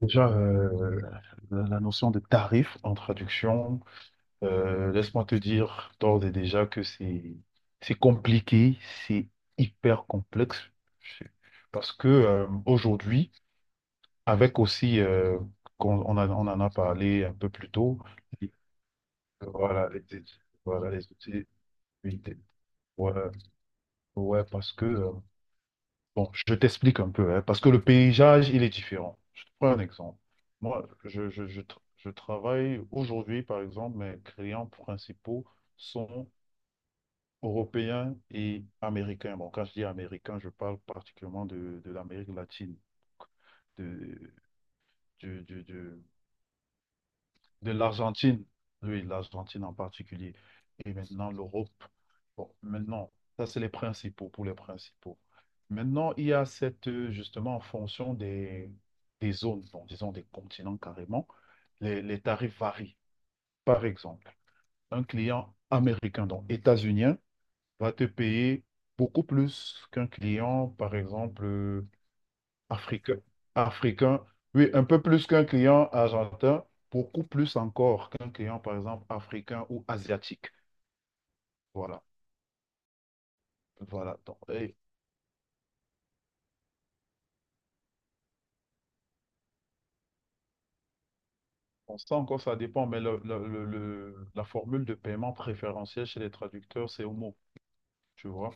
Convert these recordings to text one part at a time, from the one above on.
Déjà, la notion de tarif en traduction, laisse-moi te dire d'ores et déjà que c'est compliqué, c'est hyper complexe. C'est- Parce que aujourd'hui, avec aussi, on, on en a parlé un peu plus tôt. Voilà, les... Voilà, les outils. Oui, voilà. Ouais, parce que bon, je t'explique un peu, hein, parce que le paysage, il est différent. Je te prends un exemple. Moi, je travaille aujourd'hui, par exemple, mes clients principaux sont européens et américains. Bon, quand je dis américains, je parle particulièrement de l'Amérique latine, de, du de l'Argentine. Oui, l'Argentine en particulier, et maintenant l'Europe. Bon, maintenant, ça c'est les principaux, pour les principaux. Maintenant, il y a cette, justement, en fonction des zones, bon, disons des continents carrément, les tarifs varient. Par exemple, un client américain, donc états-unien, va te payer beaucoup plus qu'un client, par exemple, Africain, africain. Oui, un peu plus qu'un client argentin, beaucoup plus encore qu'un client, par exemple, africain ou asiatique. Voilà, voilà. Donc, et on sent encore, ça dépend, mais la formule de paiement préférentiel chez les traducteurs, c'est Homo, tu vois?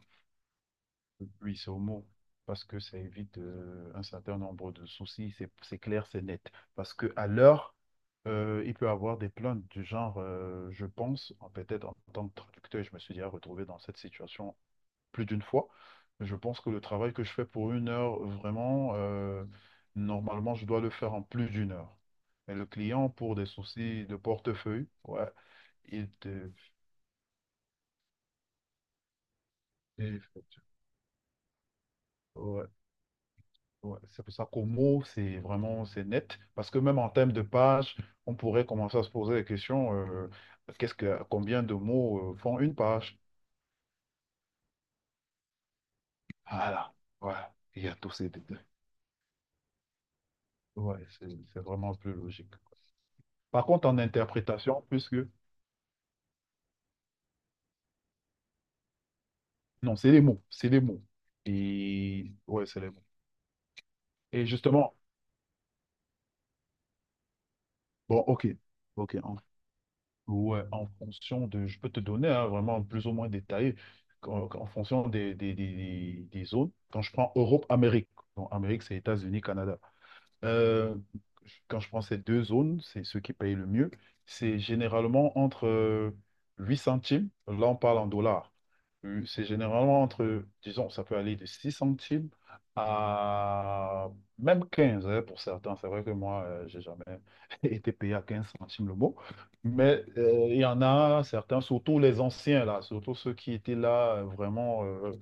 Oui, c'est Homo, parce que ça évite un certain nombre de soucis, c'est clair, c'est net. Parce que à l'heure, il peut avoir des plaintes du genre, je pense, peut-être en tant que traducteur, je me suis déjà retrouvé dans cette situation plus d'une fois. Je pense que le travail que je fais pour une heure, vraiment, normalement, je dois le faire en plus d'une heure. Mais le client, pour des soucis de portefeuille, ouais... il te... il fait- Ouais, ouais. C'est pour ça qu'au mot, c'est vraiment, c'est net. Parce que même en termes de pages, on pourrait commencer à se poser la question, combien de mots font une page? Voilà, voilà. Il y a tous ces détails. Ouais, c'est vraiment plus logique. Par contre, en interprétation, puisque... Non, c'est les mots, c'est les mots. Et ouais, c'est les mots. Et justement, bon, ok, ok. Ouais, en fonction de, je peux te donner hein, vraiment plus ou moins détaillé en, en fonction des zones. Quand je prends Europe, Amérique, donc Amérique, c'est États-Unis, Canada. Euh, Quand je prends ces deux zones, c'est ceux qui payent le mieux. C'est généralement entre 8 centimes, là on parle en dollars. C'est généralement entre, disons, ça peut aller de 6 centimes à même 15 hein, pour certains. C'est vrai que moi, j'ai jamais été payé à 15 centimes le mot. Mais il y en a certains, surtout les anciens là, surtout ceux qui étaient là vraiment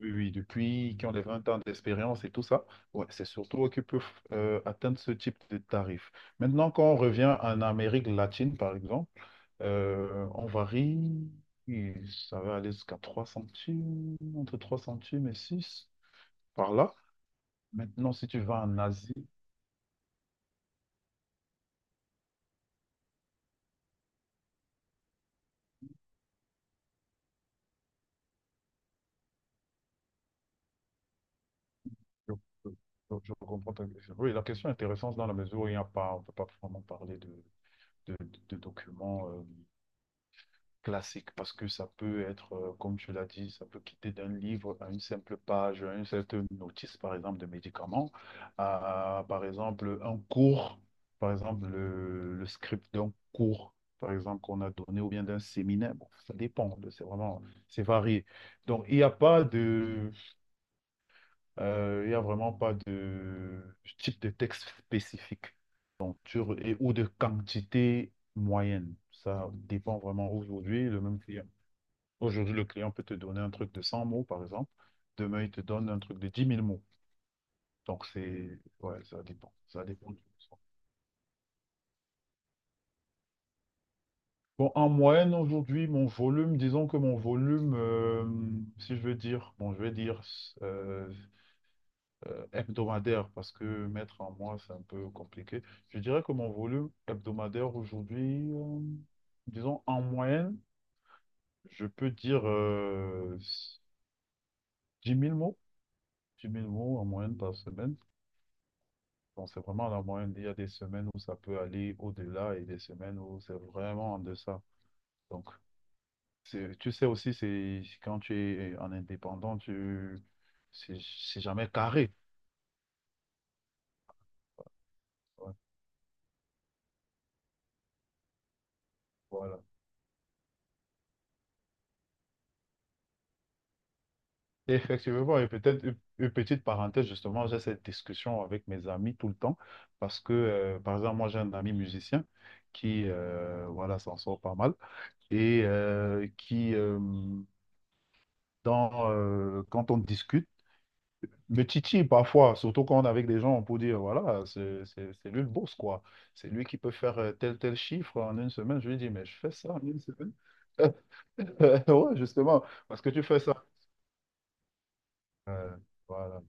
oui, oui, depuis qu'ils ont les 20 ans d'expérience et tout ça, ouais, c'est surtout eux qui peuvent atteindre ce type de tarif. Maintenant, quand on revient en Amérique latine, par exemple, on varie, et ça va aller jusqu'à 3 centimes, entre 3 centimes et 6 par là. Maintenant, si tu vas en Asie... je, je- je comprends ta question. Oui, la question est intéressante dans la mesure où il n'y a pas, on ne peut pas vraiment parler de, de documents classique, parce que ça peut être, comme tu l'as dit, ça peut quitter d'un livre à une simple page, à une certaine notice, par exemple, de médicaments, à, par exemple, un cours, par exemple, le script d'un cours, par exemple, qu'on a donné, ou bien d'un séminaire. Bon, ça dépend, c'est vraiment, c'est varié. Donc, il n'y a pas de, il y a vraiment pas de type de texte spécifique et, ou de quantité moyenne. Ça dépend vraiment aujourd'hui. Le même client... aujourd'hui, le client peut te donner un truc de 100 mots, par exemple. Demain, il te donne un truc de 10 000 mots. Donc, c'est, ouais, ça dépend. Ça dépend du besoin. Bon, en moyenne, aujourd'hui, mon volume, disons que mon volume, si je veux dire, bon, je vais dire euh, hebdomadaire, parce que mettre en mois, c'est un peu compliqué. Je dirais que mon volume hebdomadaire aujourd'hui, disons, en moyenne, je peux dire 10 000 mots. 10 000 mots en moyenne par semaine. Bon, c'est vraiment la moyenne. Il y a des semaines où ça peut aller au-delà et des semaines où c'est vraiment en deçà. Donc, tu sais aussi, c'est quand tu es en indépendant, tu... c'est jamais carré. Ouais, voilà. Et effectivement, et peut-être une petite parenthèse, justement, j'ai cette discussion avec mes amis tout le temps, parce que, par exemple, moi, j'ai un ami musicien qui, voilà, s'en sort pas mal, et qui, quand on discute... Le titi, parfois, surtout quand on est avec des gens, on peut dire, voilà, c'est lui le boss, quoi. C'est lui qui peut faire tel chiffre en une semaine. Je lui dis, mais je fais ça en une semaine. Ouais, justement, parce que tu fais ça. Ouais, voilà,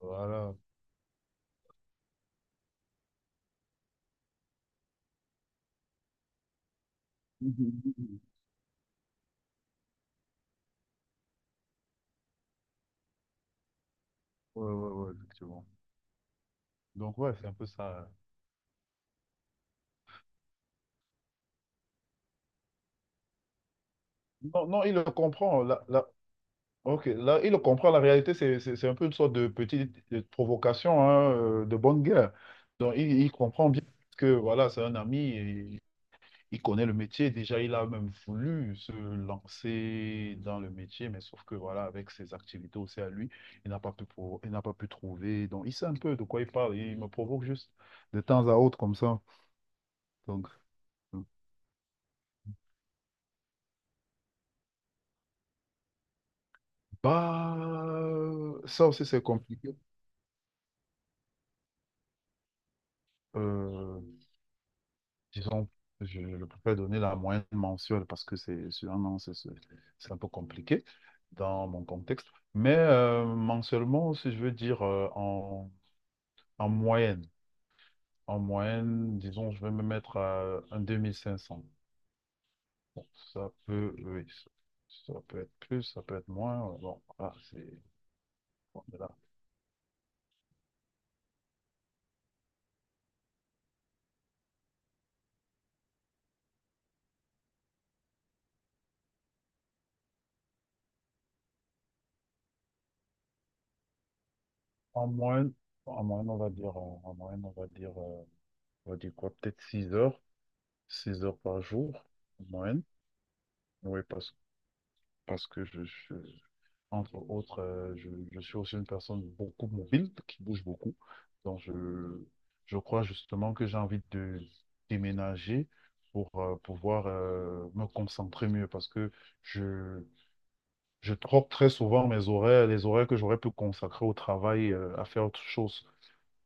voilà. Mhm. Ouais, ouais, ouais, effectivement. Donc, ouais, c'est un peu ça. Non, non, il le comprend. Ok, là, il le comprend. La réalité, c'est un peu une sorte de petite provocation, hein, de bonne guerre. Donc, il comprend bien que, voilà, c'est un ami. Et il connaît le métier, déjà il a même voulu se lancer dans le métier, mais sauf que voilà, avec ses activités aussi à lui, il n'a pas pu, il n'a pas pu trouver. Donc il sait un peu de quoi il parle, il me provoque juste de temps à autre comme ça. Donc, bah, ça aussi c'est compliqué. Euh, Disons, je préfère donner la moyenne mensuelle parce que c'est sur un an, c'est un peu compliqué dans mon contexte. Mais mensuellement, si je veux dire en moyenne. En moyenne, disons, je vais me mettre à un 2 500. Bon, ça peut, oui, ça peut être plus, ça peut être moins. Bon, voilà, c'est, on est là. En moyenne, En moyenne, on va dire, en moyenne, on va dire quoi, peut-être 6 heures, 6 heures par jour, en moyenne. Oui, parce, parce que je, entre autres, je suis aussi une personne beaucoup mobile, qui bouge beaucoup. Donc, je crois justement que j'ai envie de déménager pour pouvoir me concentrer mieux, parce que je, je troque très souvent mes horaires, les horaires que j'aurais pu consacrer au travail, à faire autre chose,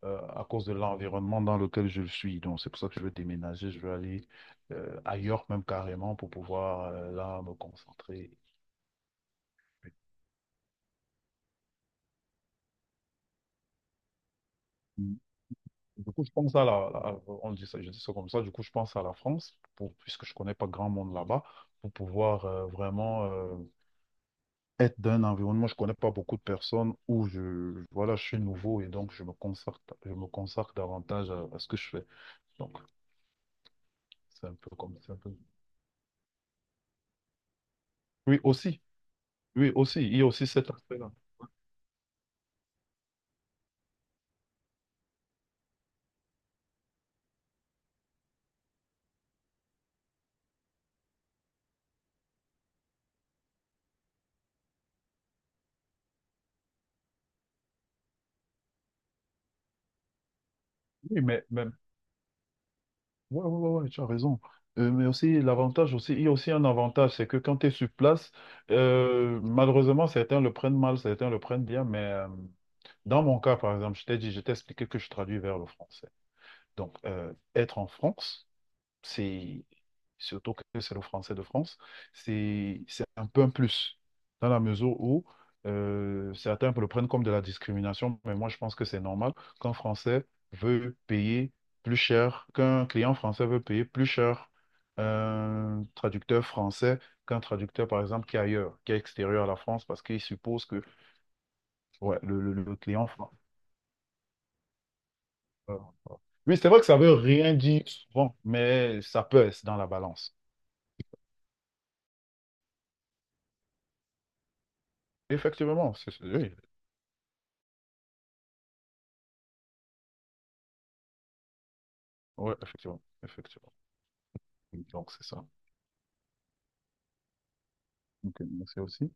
à cause de l'environnement dans lequel je suis. Donc, c'est pour ça que je veux déménager, je veux aller ailleurs même carrément pour pouvoir là me concentrer. Du coup, je pense à on dit ça, je dis ça comme ça, du coup, je pense à la France, pour, puisque je connais pas grand monde là-bas, pour pouvoir vraiment être dans un environnement, je connais pas beaucoup de personnes, où je, voilà, je suis nouveau, et donc je me consacre davantage à ce que je fais. Donc, c'est un peu comme ça. Oui, aussi, oui, aussi, il y a aussi cet aspect-là. Oui, mais ouais, ouais, ouais, ouais, tu as raison. Mais aussi, l'avantage aussi, il y a aussi un avantage, c'est que quand tu es sur place, malheureusement, certains le prennent mal, certains le prennent bien. Mais dans mon cas, par exemple, je t'ai dit, je t'ai expliqué que je traduis vers le français. Donc, être en France, c'est... surtout que c'est le français de France, c'est un peu un plus, dans la mesure où certains le prennent comme de la discrimination. Mais moi je pense que c'est normal qu'un Français veut payer plus cher, qu'un client français veut payer plus cher un traducteur français qu'un traducteur, par exemple, qui est ailleurs, qui est extérieur à la France, parce qu'il suppose que... ouais, le client français... euh, euh. Oui, c'est vrai que ça veut rien dire souvent, mais ça pèse dans la balance. Effectivement, c'est, oui. Ouais, effectivement. Effectivement. Donc, c'est ça. Ok, merci aussi.